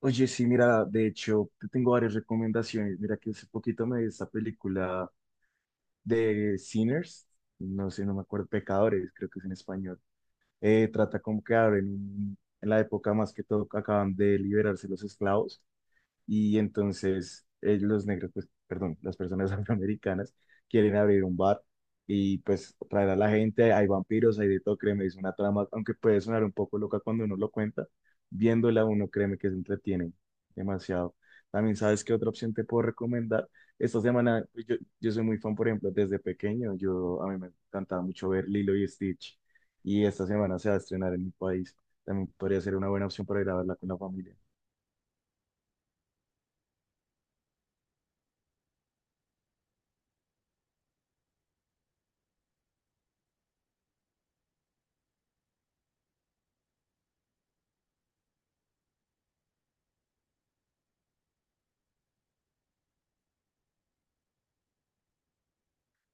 Oye, sí, mira, de hecho, te tengo varias recomendaciones. Mira que hace poquito me vi esta película de Sinners, no sé, no me acuerdo, Pecadores, creo que es en español. Trata como que en la época más que todo que acaban de liberarse los esclavos y entonces los negros, pues, perdón, las personas afroamericanas quieren abrir un bar y pues traer a la gente, hay vampiros, hay de todo, créeme, es una trama, aunque puede sonar un poco loca cuando uno lo cuenta, viéndola uno, créeme que se entretiene demasiado. También sabes qué otra opción te puedo recomendar. Esta semana, pues, yo soy muy fan, por ejemplo, desde pequeño, yo a mí me encantaba mucho ver Lilo y Stitch y esta semana se va a estrenar en mi país. También podría ser una buena opción para ir a verla con la familia.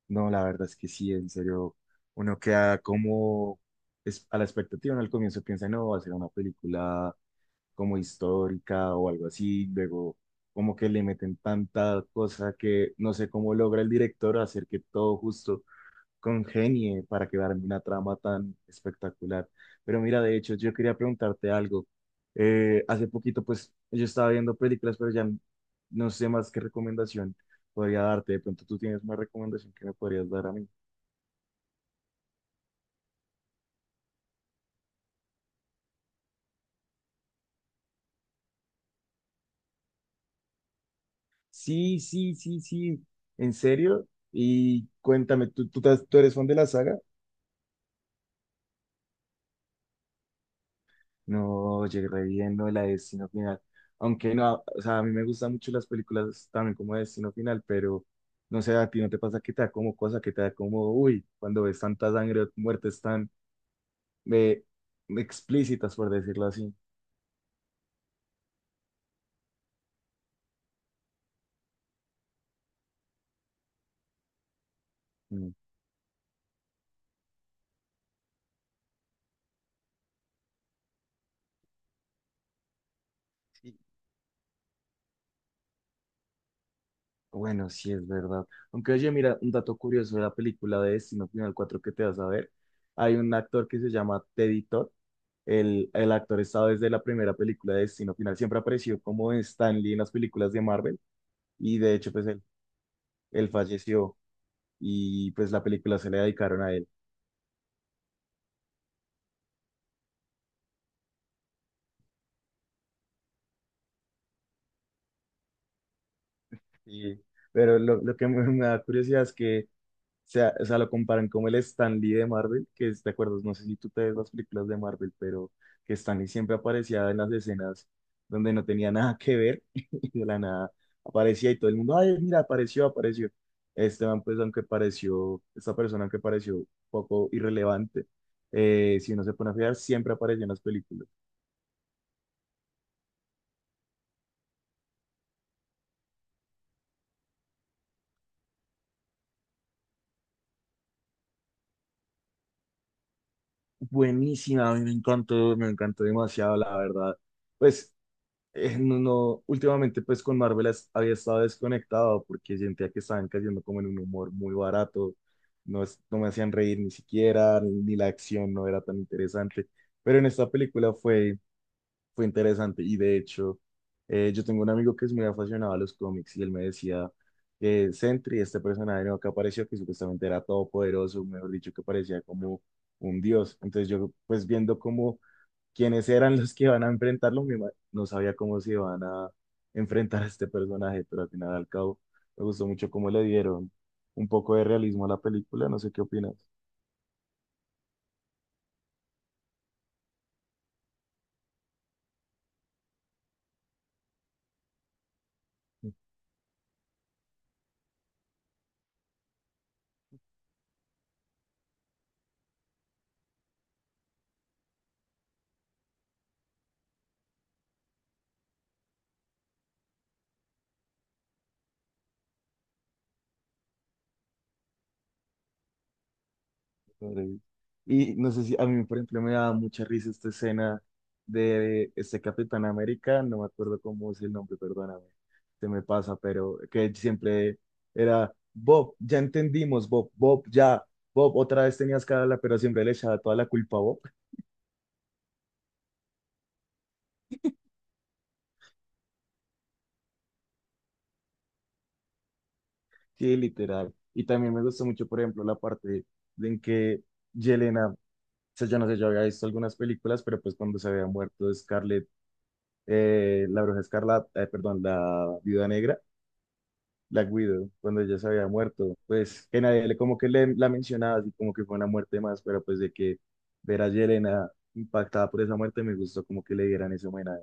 No, la verdad es que sí, en serio, uno queda como es a la expectativa, uno al comienzo piensa, no, va a ser una película como histórica o algo así, luego como que le meten tanta cosa que no sé cómo logra el director hacer que todo justo congenie para quedar en una trama tan espectacular. Pero mira, de hecho, yo quería preguntarte algo. Hace poquito, pues, yo estaba viendo películas, no sé más qué recomendación podría darte. De pronto tú tienes una recomendación que me podrías dar a mí. Sí, sí, sí, sí. ¿En serio? Y cuéntame, ¿tú tú eres fan de la saga? No, llegué re bien, no, la de Destino Final. Aunque no, o sea, a mí me gustan mucho las películas también como Destino Final, pero no sé, a ti no te pasa que te da como cosa, que te da como, uy, cuando ves tanta sangre o muertes tan eh, explícitas, por decirlo así. Mm, Sí. Bueno, sí es verdad. Aunque oye, mira, un dato curioso de la película de Destino Final 4 que te vas a ver, hay un actor que se llama Teddy Todd. El actor estaba desde la primera película de Destino Final, siempre apareció como Stan Lee en las películas de Marvel y de hecho pues él falleció y pues la película se le dedicaron a él. Y- pero lo que me da curiosidad es que o sea, lo comparan como el Stan Lee de Marvel, que es, ¿te acuerdas? No sé si tú te ves las películas de Marvel, pero que Stan Lee siempre aparecía en las escenas donde no tenía nada que ver y de la nada aparecía y todo el mundo, ay, mira, apareció, apareció. Esteban, pues aunque pareció, esta persona aunque pareció poco irrelevante, si uno se pone a fijar, siempre apareció en las películas. Buenísima, a mí me encantó demasiado, la verdad. Pues, no, no, últimamente pues con Marvel había estado desconectado porque sentía que estaban cayendo como en un humor muy barato, no, no me hacían reír ni siquiera, ni la acción no era tan interesante, pero en esta película fue interesante. Y de hecho, yo tengo un amigo que es muy aficionado a los cómics y él me decía que Sentry, este personaje nuevo que apareció, que supuestamente era todopoderoso, mejor dicho, que parecía como un dios. Entonces yo, pues viendo cómo quiénes eran los que iban a enfrentarlo, no sabía cómo se iban a enfrentar a este personaje, pero al final al cabo me gustó mucho cómo le dieron un poco de realismo a la película. No sé qué opinas. Pobre. Y no sé si a mí, por ejemplo, me daba mucha risa esta escena de este Capitán América, no me acuerdo cómo es el nombre, perdóname, se me pasa, pero que siempre era Bob, ya entendimos, Bob, Bob, ya, Bob, otra vez tenías que hablarla, pero siempre le echaba toda la culpa a Bob, sí, literal. Y también me gustó mucho, por ejemplo, la parte de en que Yelena, o sea, yo no sé, yo había visto algunas películas, pero pues cuando se había muerto Scarlett, la Bruja Escarlata, perdón, la Viuda Negra Black Widow, cuando ella se había muerto, pues que nadie le como que le, la mencionaba, así como que fue una muerte más, pero pues de que ver a Yelena impactada por esa muerte me gustó como que le dieran ese homenaje.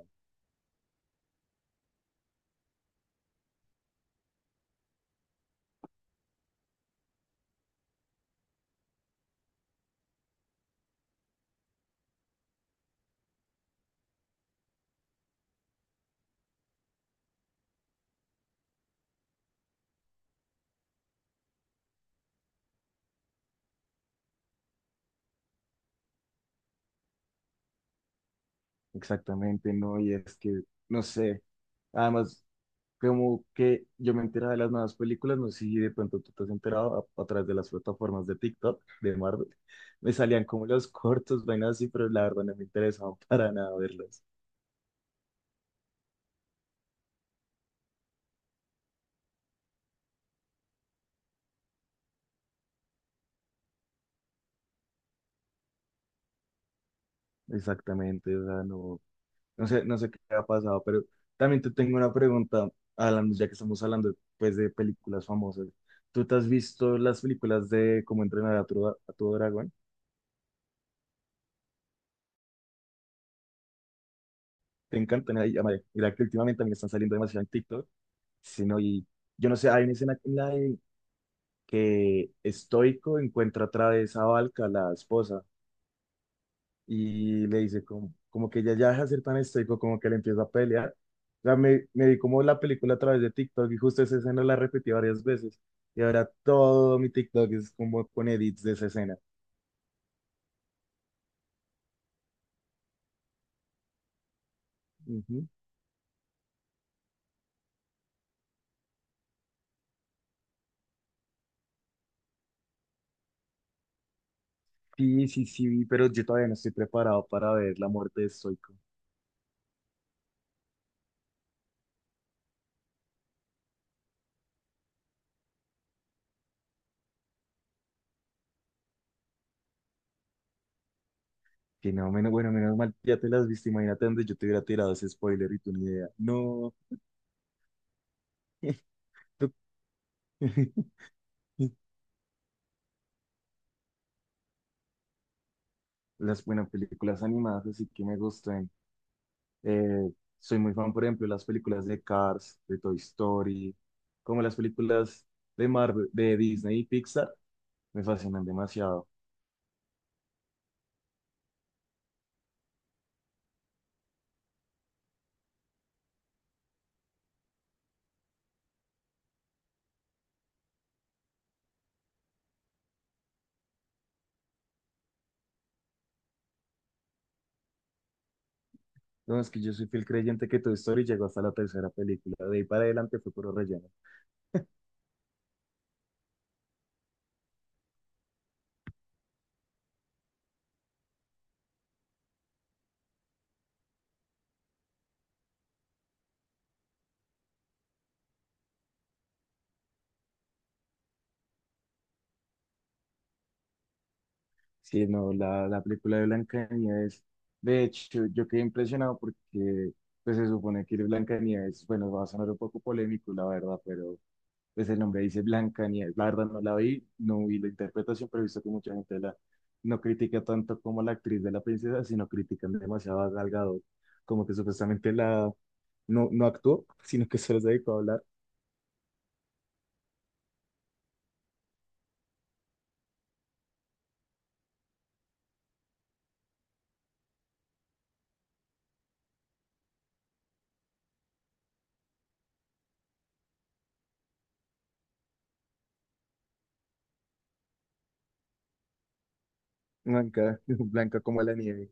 Exactamente, no, y es que, no sé, además, como que yo me enteraba de las nuevas películas, no sé si de pronto tú te has enterado a través de las plataformas de TikTok, de Marvel, me salían como los cortos, vainas así, pero la verdad no me interesaba para nada verlos. Exactamente, o sea, no, no sé, no sé qué ha pasado, pero también te tengo una pregunta, Alan, ya que estamos hablando pues de películas famosas. ¿Tú te has visto las películas de Cómo entrenar a a tu dragón? ¿Te encantan? Ay, amare, mira que últimamente también están saliendo demasiado en TikTok, sino yo no sé, hay una escena en la de que Estoico encuentra otra vez a Valka, la esposa, y le dice como que ella ya deja de ser tan estoico, como que le empieza a pelear. O sea, me vi como la película a través de TikTok y justo esa escena la repetí varias veces. Y ahora todo mi TikTok es como con edits de esa escena. Ujú. Sí, sí, sí, vi, pero yo todavía no estoy preparado para ver la muerte de Stoico. Que no, menos, bueno, menos mal, ya te las viste, imagínate donde yo te hubiera tirado ese spoiler y tú ni idea. No, Tú- las buenas películas animadas, así que me gustan. Eh, Soy muy fan, por ejemplo, de las películas de Cars, de Toy Story, como las películas de Marvel, de Disney y Pixar, me fascinan demasiado. Entonces, que yo soy fiel creyente que Toy Story llegó hasta la tercera película, de ahí para adelante fue puro relleno. Sí, no, la película de Blancanieves, de hecho, yo quedé impresionado porque pues, se supone que Blancanieves, bueno, va a sonar un poco polémico, la verdad, pero pues el nombre dice Blanca Nieves. La verdad no la vi, no vi la interpretación, pero he visto que mucha gente no critica tanto como la actriz de la princesa, sino critican demasiado a Gal Gadot, como que supuestamente la no, no actuó, sino que solo se dedicó a hablar. Blanca, blanca como la nieve.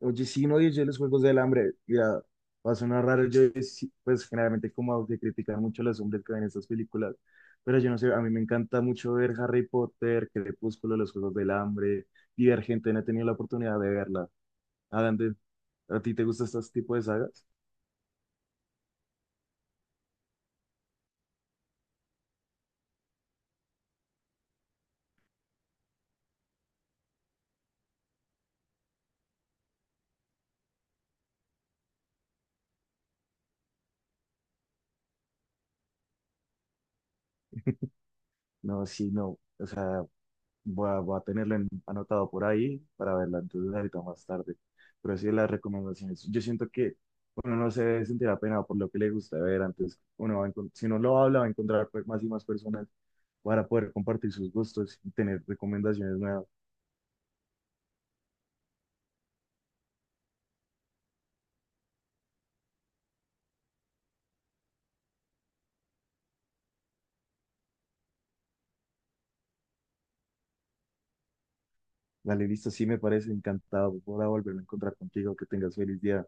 Oye, sí, no yo los Juegos del Hambre. Mira, va a sonar raro. Yo, sí, pues, generalmente, como de criticar mucho a los hombres que ven estas películas. Pero yo no sé, a mí me encanta mucho ver Harry Potter, Crepúsculo, los Juegos del Hambre, Divergente. No he tenido la oportunidad de verla. Adam, ¿a ti te gustan estos tipos de sagas? No, sí, no. O sea, voy a, voy a anotado por ahí para verla entonces ahorita más tarde. Pero sí, las recomendaciones. Yo siento que uno no se debe sentir apenado por lo que le gusta ver. Antes, uno va a si no lo habla, va a encontrar pues, más y más personas para poder compartir sus gustos y tener recomendaciones nuevas. Dale, listo, sí me parece encantado. Voy a volverme a encontrar contigo. Que tengas feliz día.